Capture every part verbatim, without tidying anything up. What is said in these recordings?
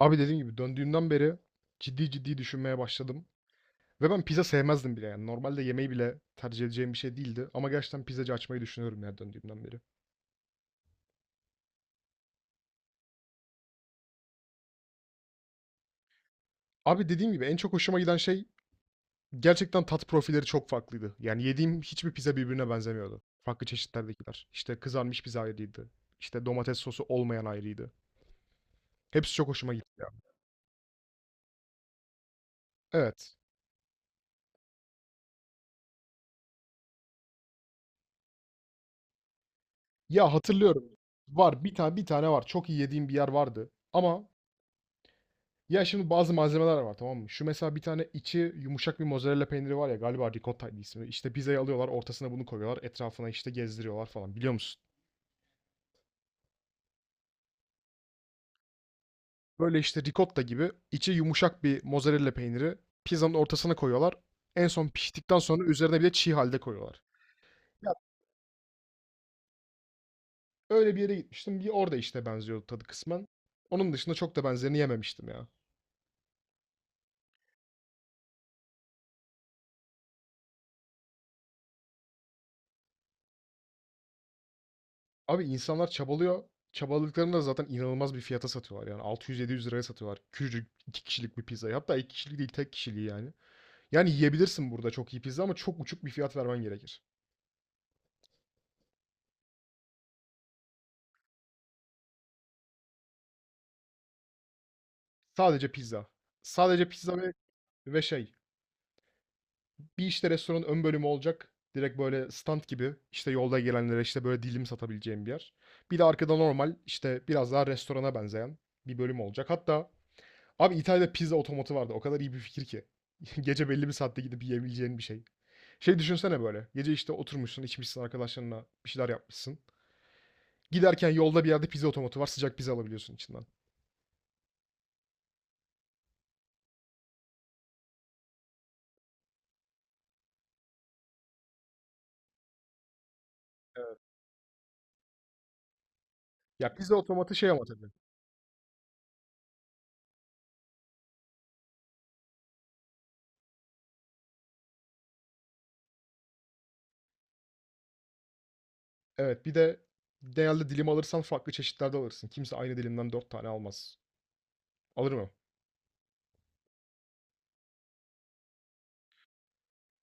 Abi dediğim gibi döndüğümden beri ciddi ciddi düşünmeye başladım. Ve ben pizza sevmezdim bile yani. Normalde yemeği bile tercih edeceğim bir şey değildi. Ama gerçekten pizzacı açmayı düşünüyorum yani döndüğümden beri. Abi dediğim gibi en çok hoşuma giden şey gerçekten tat profilleri çok farklıydı. Yani yediğim hiçbir pizza birbirine benzemiyordu. Farklı çeşitlerdekiler. İşte kızarmış pizza ayrıydı. İşte domates sosu olmayan ayrıydı. Hepsi çok hoşuma gitti ya. Evet. Ya hatırlıyorum. Var bir tane bir tane var. Çok iyi yediğim bir yer vardı. Ama ya şimdi bazı malzemeler var, tamam mı? Şu mesela bir tane içi yumuşak bir mozzarella peyniri var ya, galiba ricotta'ydı ismi. İşte pizzayı alıyorlar, ortasına bunu koyuyorlar, etrafına işte gezdiriyorlar falan, biliyor musun? Böyle işte ricotta gibi içi yumuşak bir mozzarella peyniri pizzanın ortasına koyuyorlar. En son piştikten sonra üzerine bir de çiğ halde koyuyorlar. Ya öyle bir yere gitmiştim. Bir orada işte benziyordu tadı kısmen. Onun dışında çok da benzerini yememiştim ya. Abi insanlar çabalıyor. Çabaladıklarını da zaten inanılmaz bir fiyata satıyorlar. Yani altı yüz yedi yüz liraya satıyorlar. Küçücük iki kişilik bir pizzayı. Hatta iki kişilik değil tek kişiliği yani. Yani yiyebilirsin burada çok iyi pizza ama çok uçuk bir fiyat vermen gerekir. Sadece pizza. Sadece pizza ve, ve şey. Bir işte restoranın ön bölümü olacak. Direkt böyle stand gibi işte yolda gelenlere işte böyle dilim satabileceğim bir yer. Bir de arkada normal işte biraz daha restorana benzeyen bir bölüm olacak. Hatta abi İtalya'da pizza otomatı vardı. O kadar iyi bir fikir ki. Gece belli bir saatte gidip yiyebileceğin bir şey. Şey, düşünsene böyle. Gece işte oturmuşsun, içmişsin, arkadaşlarına bir şeyler yapmışsın. Giderken yolda bir yerde pizza otomatı var. Sıcak pizza alabiliyorsun içinden. Evet. Ya pizza otomatı şey ama tabii. Evet, bir de genelde dilim alırsan farklı çeşitlerde alırsın. Kimse aynı dilimden dört tane almaz. Alır mı?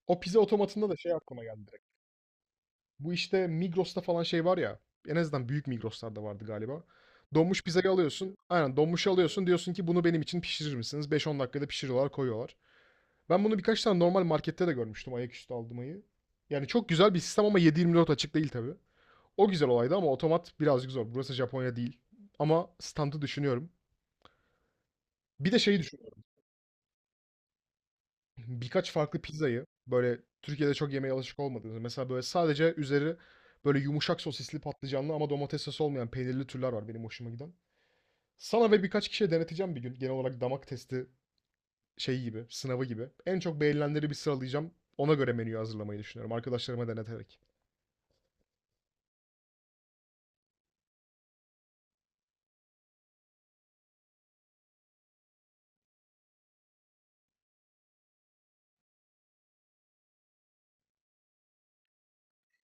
O pizza otomatında da şey aklıma geldi. Bu işte Migros'ta falan şey var ya. En azından büyük Migros'larda vardı galiba. Donmuş pizzayı alıyorsun. Aynen donmuş alıyorsun. Diyorsun ki bunu benim için pişirir misiniz? beş on dakikada pişiriyorlar, koyuyorlar. Ben bunu birkaç tane normal markette de görmüştüm, ayaküstü aldırmayı. Yani çok güzel bir sistem ama yedi yirmi dört açık değil tabii. O güzel olaydı ama otomat birazcık zor. Burası Japonya değil. Ama standı düşünüyorum. Bir de şeyi düşün. Birkaç farklı pizzayı, böyle Türkiye'de çok yemeye alışık olmadığınız, mesela böyle sadece üzeri böyle yumuşak sosisli patlıcanlı ama domates sosu olmayan peynirli türler var benim hoşuma giden. Sana ve birkaç kişiye deneteceğim bir gün. Genel olarak damak testi şeyi gibi, sınavı gibi. En çok beğenilenleri bir sıralayacağım. Ona göre menüyü hazırlamayı düşünüyorum arkadaşlarıma deneterek.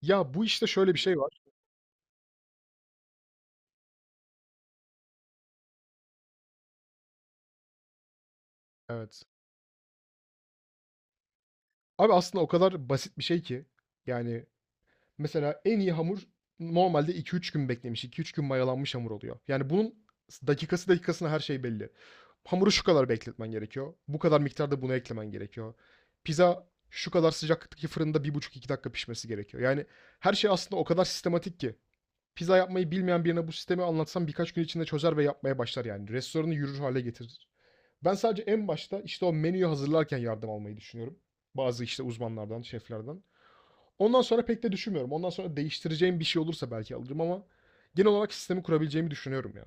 Ya bu işte şöyle bir şey var. Evet. Abi aslında o kadar basit bir şey ki. Yani mesela en iyi hamur normalde iki üç gün beklemiş, iki üç gün mayalanmış hamur oluyor. Yani bunun dakikası dakikasına her şey belli. Hamuru şu kadar bekletmen gerekiyor. Bu kadar miktarda bunu eklemen gerekiyor. Pizza şu kadar sıcaklıktaki fırında bir buçuk iki dakika pişmesi gerekiyor. Yani her şey aslında o kadar sistematik ki. Pizza yapmayı bilmeyen birine bu sistemi anlatsam birkaç gün içinde çözer ve yapmaya başlar yani. Restoranı yürür hale getirir. Ben sadece en başta işte o menüyü hazırlarken yardım almayı düşünüyorum. Bazı işte uzmanlardan, şeflerden. Ondan sonra pek de düşünmüyorum. Ondan sonra değiştireceğim bir şey olursa belki alırım ama genel olarak sistemi kurabileceğimi düşünüyorum ya.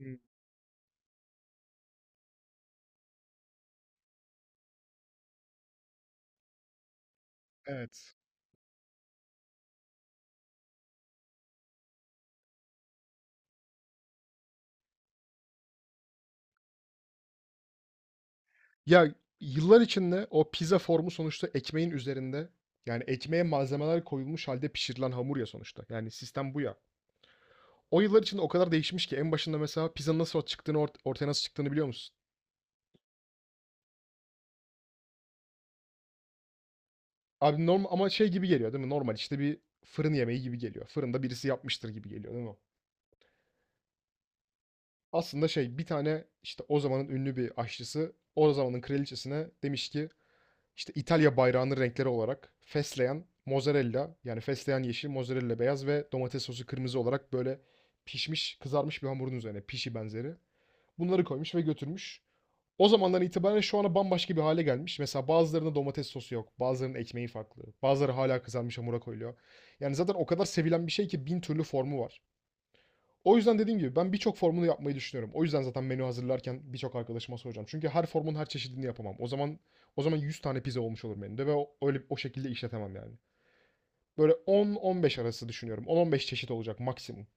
Hımm, evet. Ya, yıllar içinde o pizza formu sonuçta ekmeğin üzerinde, yani ekmeğe malzemeler koyulmuş halde pişirilen hamur ya sonuçta. Yani sistem bu ya. O yıllar içinde o kadar değişmiş ki en başında mesela pizzanın nasıl çıktığını, ort- ortaya nasıl çıktığını biliyor musun? Abi norm ama şey gibi geliyor değil mi? Normal işte bir fırın yemeği gibi geliyor. Fırında birisi yapmıştır gibi geliyor değil mi? Aslında şey, bir tane işte o zamanın ünlü bir aşçısı o zamanın kraliçesine demiş ki işte İtalya bayrağının renkleri olarak fesleğen, mozzarella, yani fesleğen yeşil, mozzarella beyaz ve domates sosu kırmızı olarak böyle pişmiş, kızarmış bir hamurun üzerine pişi benzeri. Bunları koymuş ve götürmüş. O zamandan itibaren şu ana bambaşka bir hale gelmiş. Mesela bazılarında domates sosu yok, bazılarının ekmeği farklı, bazıları hala kızarmış hamura koyuluyor. Yani zaten o kadar sevilen bir şey ki bin türlü formu var. O yüzden dediğim gibi ben birçok formunu yapmayı düşünüyorum. O yüzden zaten menü hazırlarken birçok arkadaşıma soracağım. Çünkü her formun her çeşidini yapamam. O zaman o zaman yüz tane pizza olmuş olur menüde ve o, öyle o şekilde işletemem yani. Böyle on on beş arası düşünüyorum. on on beş çeşit olacak maksimum.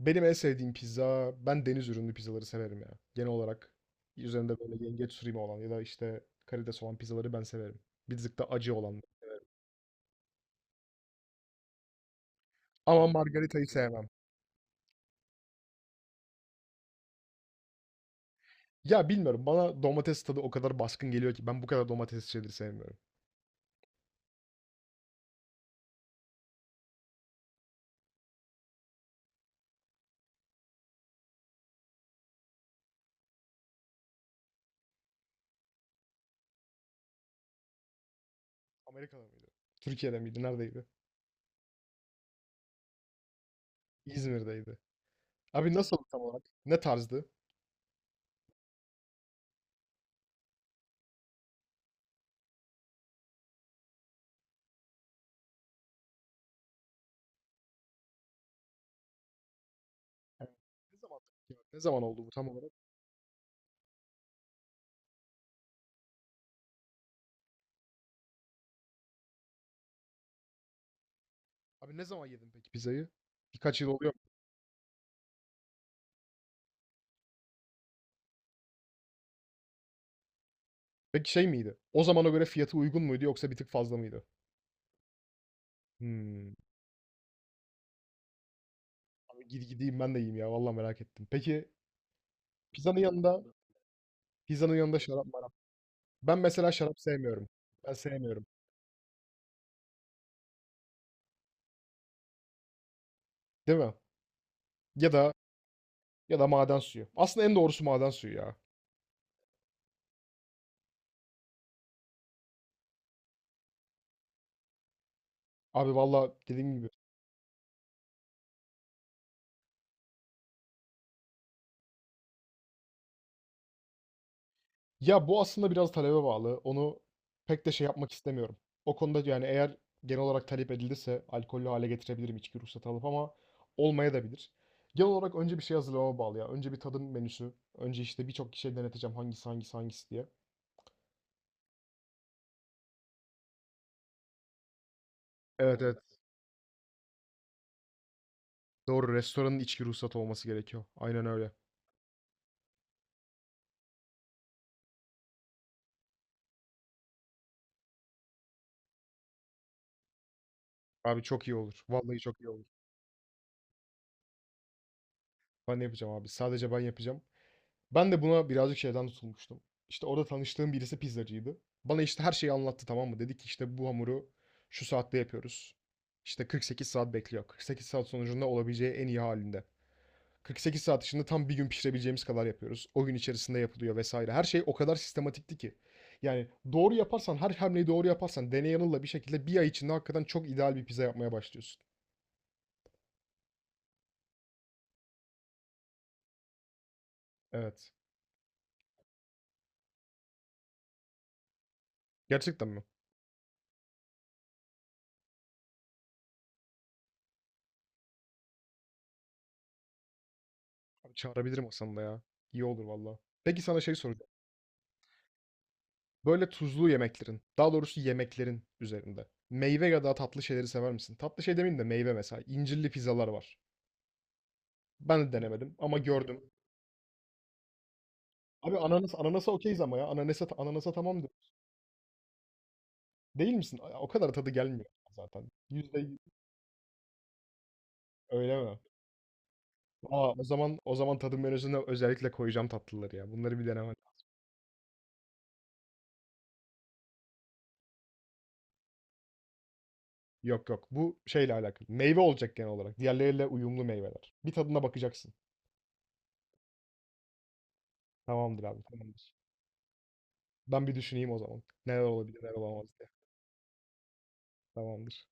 Benim en sevdiğim pizza, ben deniz ürünlü pizzaları severim ya. Genel olarak üzerinde böyle yengeç sürimi olan ya da işte karides olan pizzaları ben severim. Bir tık da acı olan. Ama margaritayı sevmem. Ya bilmiyorum, bana domates tadı o kadar baskın geliyor ki ben bu kadar domates şeyleri sevmiyorum. Amerika'da mıydı? Türkiye'de miydi? Neredeydi? İzmir'deydi. Abi nasıl tam olarak? Ne tarzdı? Evet. Ne zaman peki? Ne zaman oldu bu tam olarak? Abi ne zaman yedin peki pizzayı? Birkaç yıl oluyor mu? Peki şey miydi? O zamana göre fiyatı uygun muydu yoksa bir tık fazla mıydı? Hmm. Abi gid- gideyim ben de yiyeyim ya. Vallahi merak ettim. Peki pizzanın yanında pizzanın yanında şarap mı? Ben mesela şarap sevmiyorum. Ben sevmiyorum. Değil mi? Ya da ya da maden suyu. Aslında en doğrusu maden suyu ya. Abi valla dediğim gibi. Ya bu aslında biraz talebe bağlı. Onu pek de şey yapmak istemiyorum. O konuda yani, eğer genel olarak talep edilirse alkollü hale getirebilirim içki ruhsatı alıp, ama olmaya da bilir. Genel olarak önce bir şey hazırlamama bağlı ya. Önce bir tadım menüsü. Önce işte birçok kişiye deneteceğim, hangisi hangisi hangisi diye. Evet, evet. Doğru. Restoranın içki ruhsatı olması gerekiyor. Aynen öyle. Abi çok iyi olur. Vallahi çok iyi olur. Ben de yapacağım abi. Sadece ben yapacağım. Ben de buna birazcık şeyden tutulmuştum. İşte orada tanıştığım birisi pizzacıydı. Bana işte her şeyi anlattı, tamam mı? Dedi ki işte bu hamuru şu saatte yapıyoruz. İşte kırk sekiz saat bekliyor. kırk sekiz saat sonucunda olabileceği en iyi halinde. kırk sekiz saat içinde tam bir gün pişirebileceğimiz kadar yapıyoruz. O gün içerisinde yapılıyor vesaire. Her şey o kadar sistematikti ki. Yani doğru yaparsan, her hamleyi doğru yaparsan, deney yanılla bir şekilde bir ay içinde hakikaten çok ideal bir pizza yapmaya başlıyorsun. Evet. Gerçekten mi? Abi çağırabilirim Hasan'ı da ya. İyi olur valla. Peki sana şey soracağım. Böyle tuzlu yemeklerin, daha doğrusu yemeklerin üzerinde. Meyve ya da tatlı şeyleri sever misin? Tatlı şey demeyeyim de meyve mesela. İncirli pizzalar var. Ben de denemedim ama gördüm. Abi ananas, ananasa okeyiz ama ya. Ananasa, ananasa tamam diyor. Değil misin? O kadar tadı gelmiyor zaten. Yüzde yüz- öyle mi? Aa, o zaman o zaman tadım menüsüne özellikle koyacağım tatlıları ya. Bunları bir deneme. Yok yok. Bu şeyle alakalı. Meyve olacak genel olarak. Diğerleriyle uyumlu meyveler. Bir tadına bakacaksın. Tamamdır abi. Tamamdır. Ben bir düşüneyim o zaman. Neler olabilir, neler olamaz diye. Tamamdır.